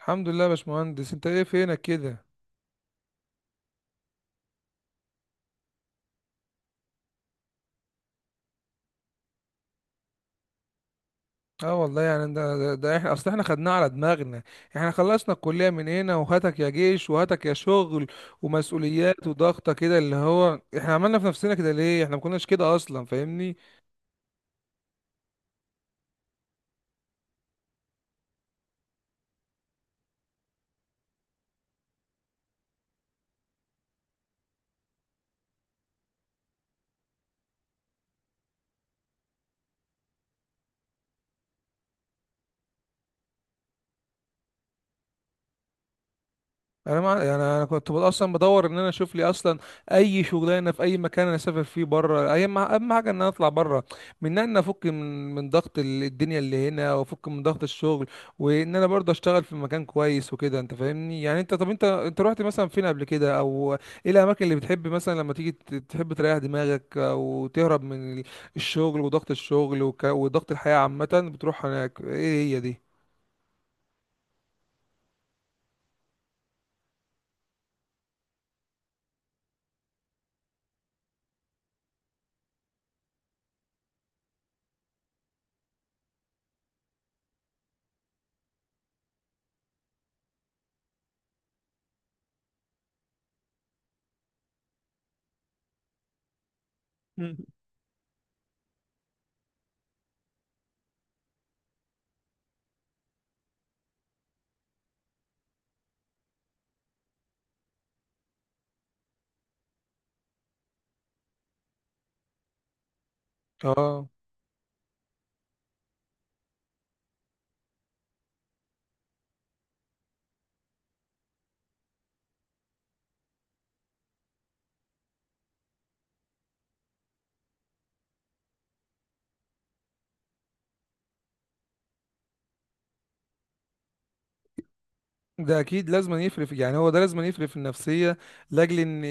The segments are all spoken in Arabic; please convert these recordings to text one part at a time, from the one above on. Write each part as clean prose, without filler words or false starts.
الحمد لله يا باشمهندس، انت ايه؟ فينك كده؟ اه والله يعني ده، احنا اصل احنا خدناه على دماغنا. احنا خلصنا الكلية من هنا، وهاتك يا جيش وهاتك يا شغل ومسؤوليات وضغطة كده اللي هو احنا عملنا في نفسنا كده. ليه احنا ما كناش كده اصلا؟ فاهمني؟ انا ما يعني، انا كنت اصلا بدور ان انا اشوف لي اصلا اي شغلانه في اي مكان انا اسافر فيه بره. اي ما اهم حاجه ان انا اطلع بره، من ان انا افك من ضغط الدنيا اللي هنا، وافك من ضغط الشغل، وان انا برضه اشتغل في مكان كويس وكده. انت فاهمني؟ يعني انت، طب انت رحت مثلا فين قبل كده او ايه الاماكن اللي بتحب مثلا لما تيجي تحب تريح دماغك او تهرب من الشغل وضغط الشغل وضغط الحياه عامه، بتروح هناك؟ ايه هي دي؟ مم. اه، ده اكيد لازم يفرق يعني هو ده لازم يفرق في النفسيه، لاجل ان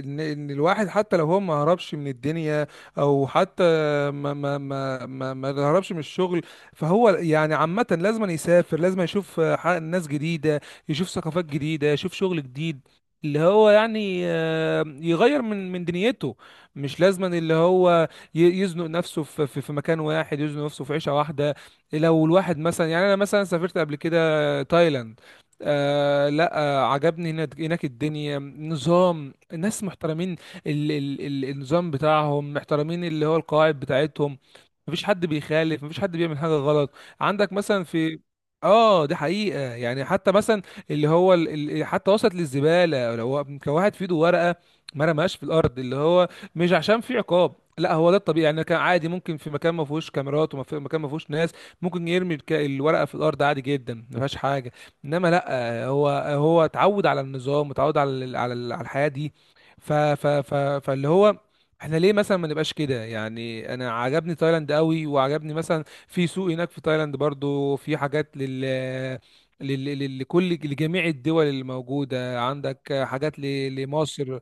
ان الواحد حتى لو هو ما هربش من الدنيا، او حتى ما هربش من الشغل، فهو يعني عامه لازم يسافر، لازم يشوف ناس جديده، يشوف ثقافات جديده، يشوف شغل جديد، اللي هو يعني يغير من دنيته. مش لازما اللي هو يزنق نفسه في في مكان واحد، يزنق نفسه في عيشه واحده. لو الواحد مثلا، يعني انا مثلا سافرت قبل كده تايلاند. آه لا آه عجبني هناك. هناك الدنيا نظام، الناس محترمين، ال النظام بتاعهم محترمين، اللي هو القواعد بتاعتهم. مفيش حد بيخالف، مفيش حد بيعمل حاجه غلط. عندك مثلا في، اه دي حقيقه، يعني حتى مثلا اللي هو حتى وصلت للزباله، لو هو كان واحد في ايده ورقه ما رماهاش في الارض، اللي هو مش عشان في عقاب، لا، هو ده الطبيعي. يعني كان عادي، ممكن في مكان ما فيهوش كاميرات وما في مكان ما فيهوش ناس، ممكن يرمي الورقه في الارض عادي جدا، ما فيهاش حاجه. انما لا، هو اتعود على النظام، اتعود على الحياه دي. ف ف ف فاللي هو احنا ليه مثلا ما نبقاش كده؟ يعني انا عجبني تايلاند قوي، وعجبني مثلا في سوق هناك في تايلاند، برضو في حاجات لل، لكل، لجميع الدول اللي موجودة عندك، حاجات لمصر.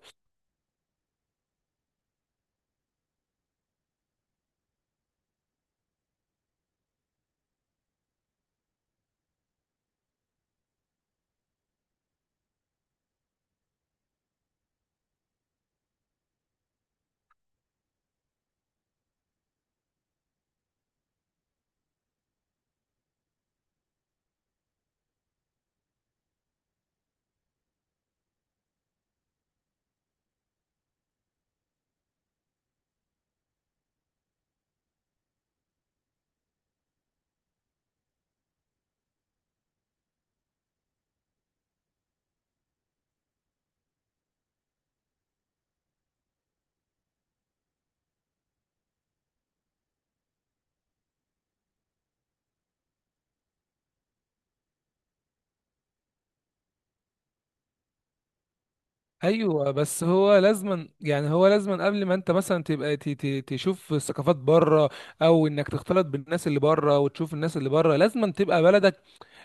ايوه، بس هو لازما، يعني هو لازما قبل ما انت مثلا تبقى تشوف ثقافات بره، او انك تختلط بالناس اللي بره وتشوف الناس اللي بره، لازما تبقى بلدك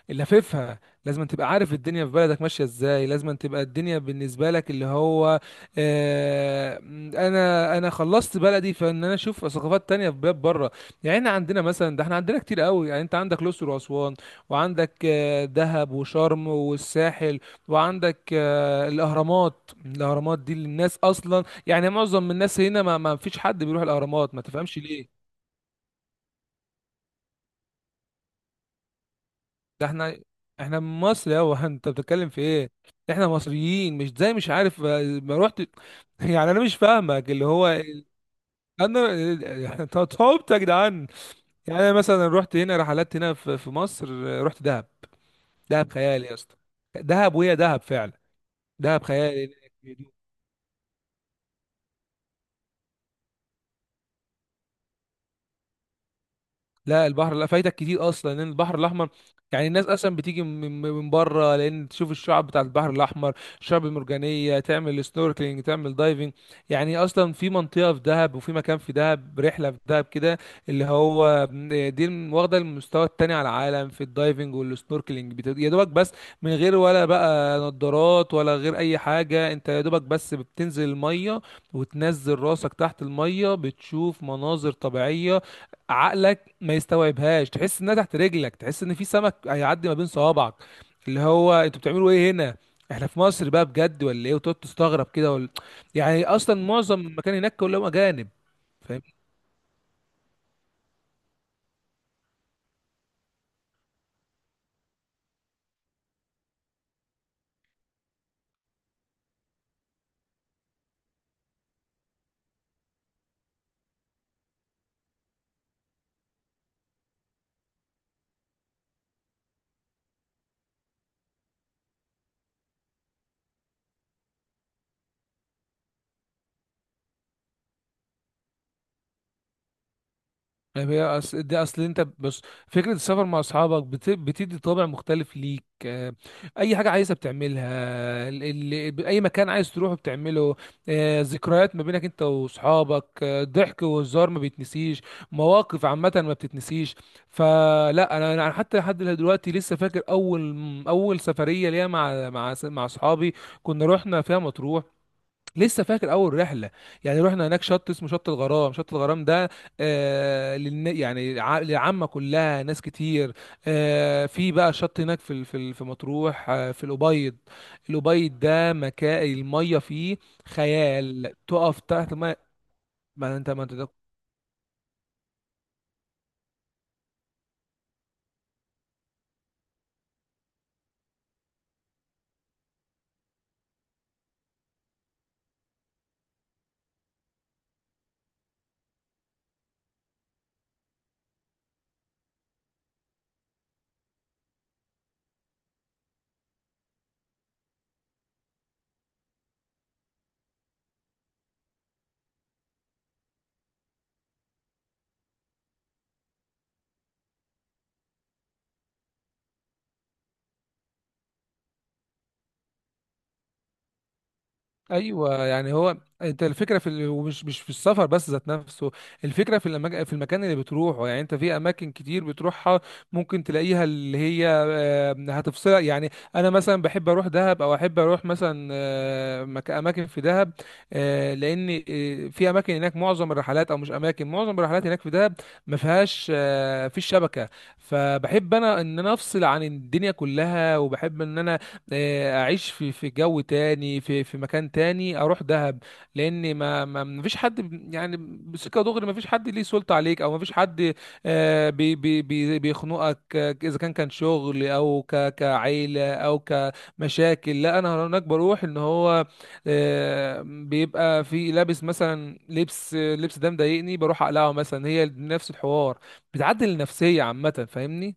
لففها، لازم تبقى عارف الدنيا في بلدك ماشية ازاي، لازم تبقى الدنيا بالنسبة لك اللي هو آه، انا خلصت بلدي فان انا اشوف ثقافات تانية في بلاد بره. يعني احنا عندنا مثلا، ده احنا عندنا كتير قوي. يعني انت عندك الاقصر واسوان، وعندك دهب وشرم والساحل، وعندك الاهرامات. الاهرامات دي للناس اصلا، يعني معظم الناس هنا، ما فيش حد بيروح الاهرامات، ما تفهمش ليه. ده احنا، احنا من مصر! يا هو انت بتتكلم في ايه؟ احنا مصريين، مش زي مش عارف ما رحت يعني، انا مش فاهمك اللي هو انا. احنا صعبت يا جدعان. يعني انا مثلا رحت هنا رحلات هنا في مصر، رحت دهب. دهب خيال يا اسطى! دهب، وهي دهب فعلا. دهب خيال. لا البحر، لا، فايتك كتير اصلا، لان البحر الاحمر، يعني الناس اصلا بتيجي من بره لان تشوف الشعب بتاع البحر الاحمر، الشعب المرجانيه، تعمل سنوركلينج، تعمل دايفنج. يعني اصلا في منطقه في دهب، وفي مكان في دهب، رحله في دهب كده اللي هو، دي واخده المستوى التاني على العالم في الدايفنج والسنوركلينج. يا دوبك بس من غير ولا بقى نظارات ولا غير اي حاجه، انت يا دوبك بس بتنزل الميه وتنزل راسك تحت الميه، بتشوف مناظر طبيعيه عقلك ما يستوعبهاش. تحس انها تحت رجلك، تحس ان في سمك هيعدي ما بين صوابعك، اللي هو انتوا بتعملوا ايه هنا؟ احنا في مصر بقى بجد ولا ايه؟ وتقعد تستغرب كده ولا، يعني اصلا معظم المكان هناك كلهم اجانب. يعني هي دي اصل، انت بص، فكره السفر مع اصحابك بتدي طابع مختلف ليك. اي حاجه عايزها بتعملها، ال... اي مكان عايز تروحه بتعمله، ذكريات ما بينك انت واصحابك، ضحك وهزار ما بيتنسيش، مواقف عامه ما بتتنسيش. فلا، انا، حتى لحد دلوقتي لسه فاكر اول سفريه ليا مع اصحابي، كنا رحنا فيها مطروح. لسه فاكر اول رحله. يعني رحنا هناك شط اسمه شط الغرام. شط الغرام ده يعني للعامه كلها، ناس كتير. في بقى شط هناك في في مطروح، في الابيض. الابيض ده مكان الميه فيه خيال، تقف تحت الميه. ما انت ما انت ايوه، يعني هو، انت الفكره في ومش مش في السفر بس ذات نفسه، الفكره في في المكان اللي بتروحه. يعني انت في اماكن كتير بتروحها ممكن تلاقيها، اللي هي هتفصلك يعني. انا مثلا بحب اروح دهب، او احب اروح مثلا اماكن في دهب، لان في اماكن هناك معظم الرحلات، او مش اماكن، معظم الرحلات هناك في دهب ما فيهاش في الشبكه. فبحب انا ان انا افصل عن الدنيا كلها، وبحب ان انا اعيش في جو تاني، في مكان تاني، اروح دهب، لان ما فيش حد يعني بسكه دغري. ما فيش حد ليه سلطه عليك، او ما فيش حد آه، بي بي بي بيخنقك، اذا كان، شغل او كعيله او كمشاكل. لا انا هناك بروح ان هو بيبقى في لابس مثلا، لبس، ده مضايقني، بروح اقلعه مثلا، هي نفس الحوار، بتعدل النفسيه عامه. فاهمني؟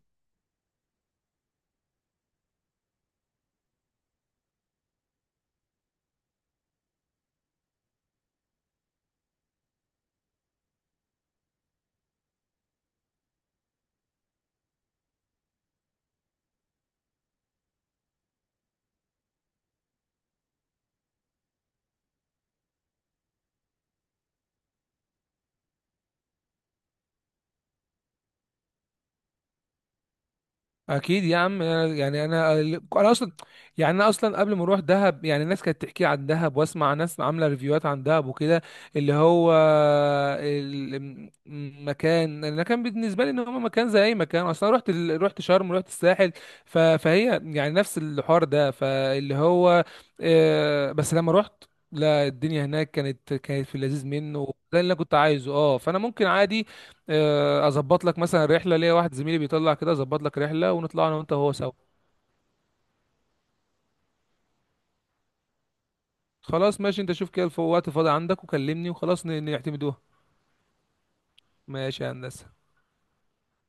اكيد يا عم. أنا- يعني انا انا اصلا، يعني انا اصلا قبل ما اروح دهب، يعني الناس كانت تحكي عن دهب، واسمع ناس عامله ريفيوهات عن دهب وكده اللي هو، المكان بالنسبه لي ان هو مكان زي اي مكان، اصلا رحت رحت شرم، رحت الساحل، فهي يعني نفس الحوار ده. فاللي هو بس لما رحت، لا، الدنيا هناك كانت، في اللذيذ منه ده اللي انا كنت عايزه. اه، فانا ممكن عادي اظبط لك مثلا رحله، ليا واحد زميلي بيطلع كده، اظبط لك رحله ونطلع انا وانت وهو سوا. خلاص، ماشي. انت شوف كده وقت فاضي عندك وكلمني، وخلاص نعتمدوها. ماشي يا هندسه.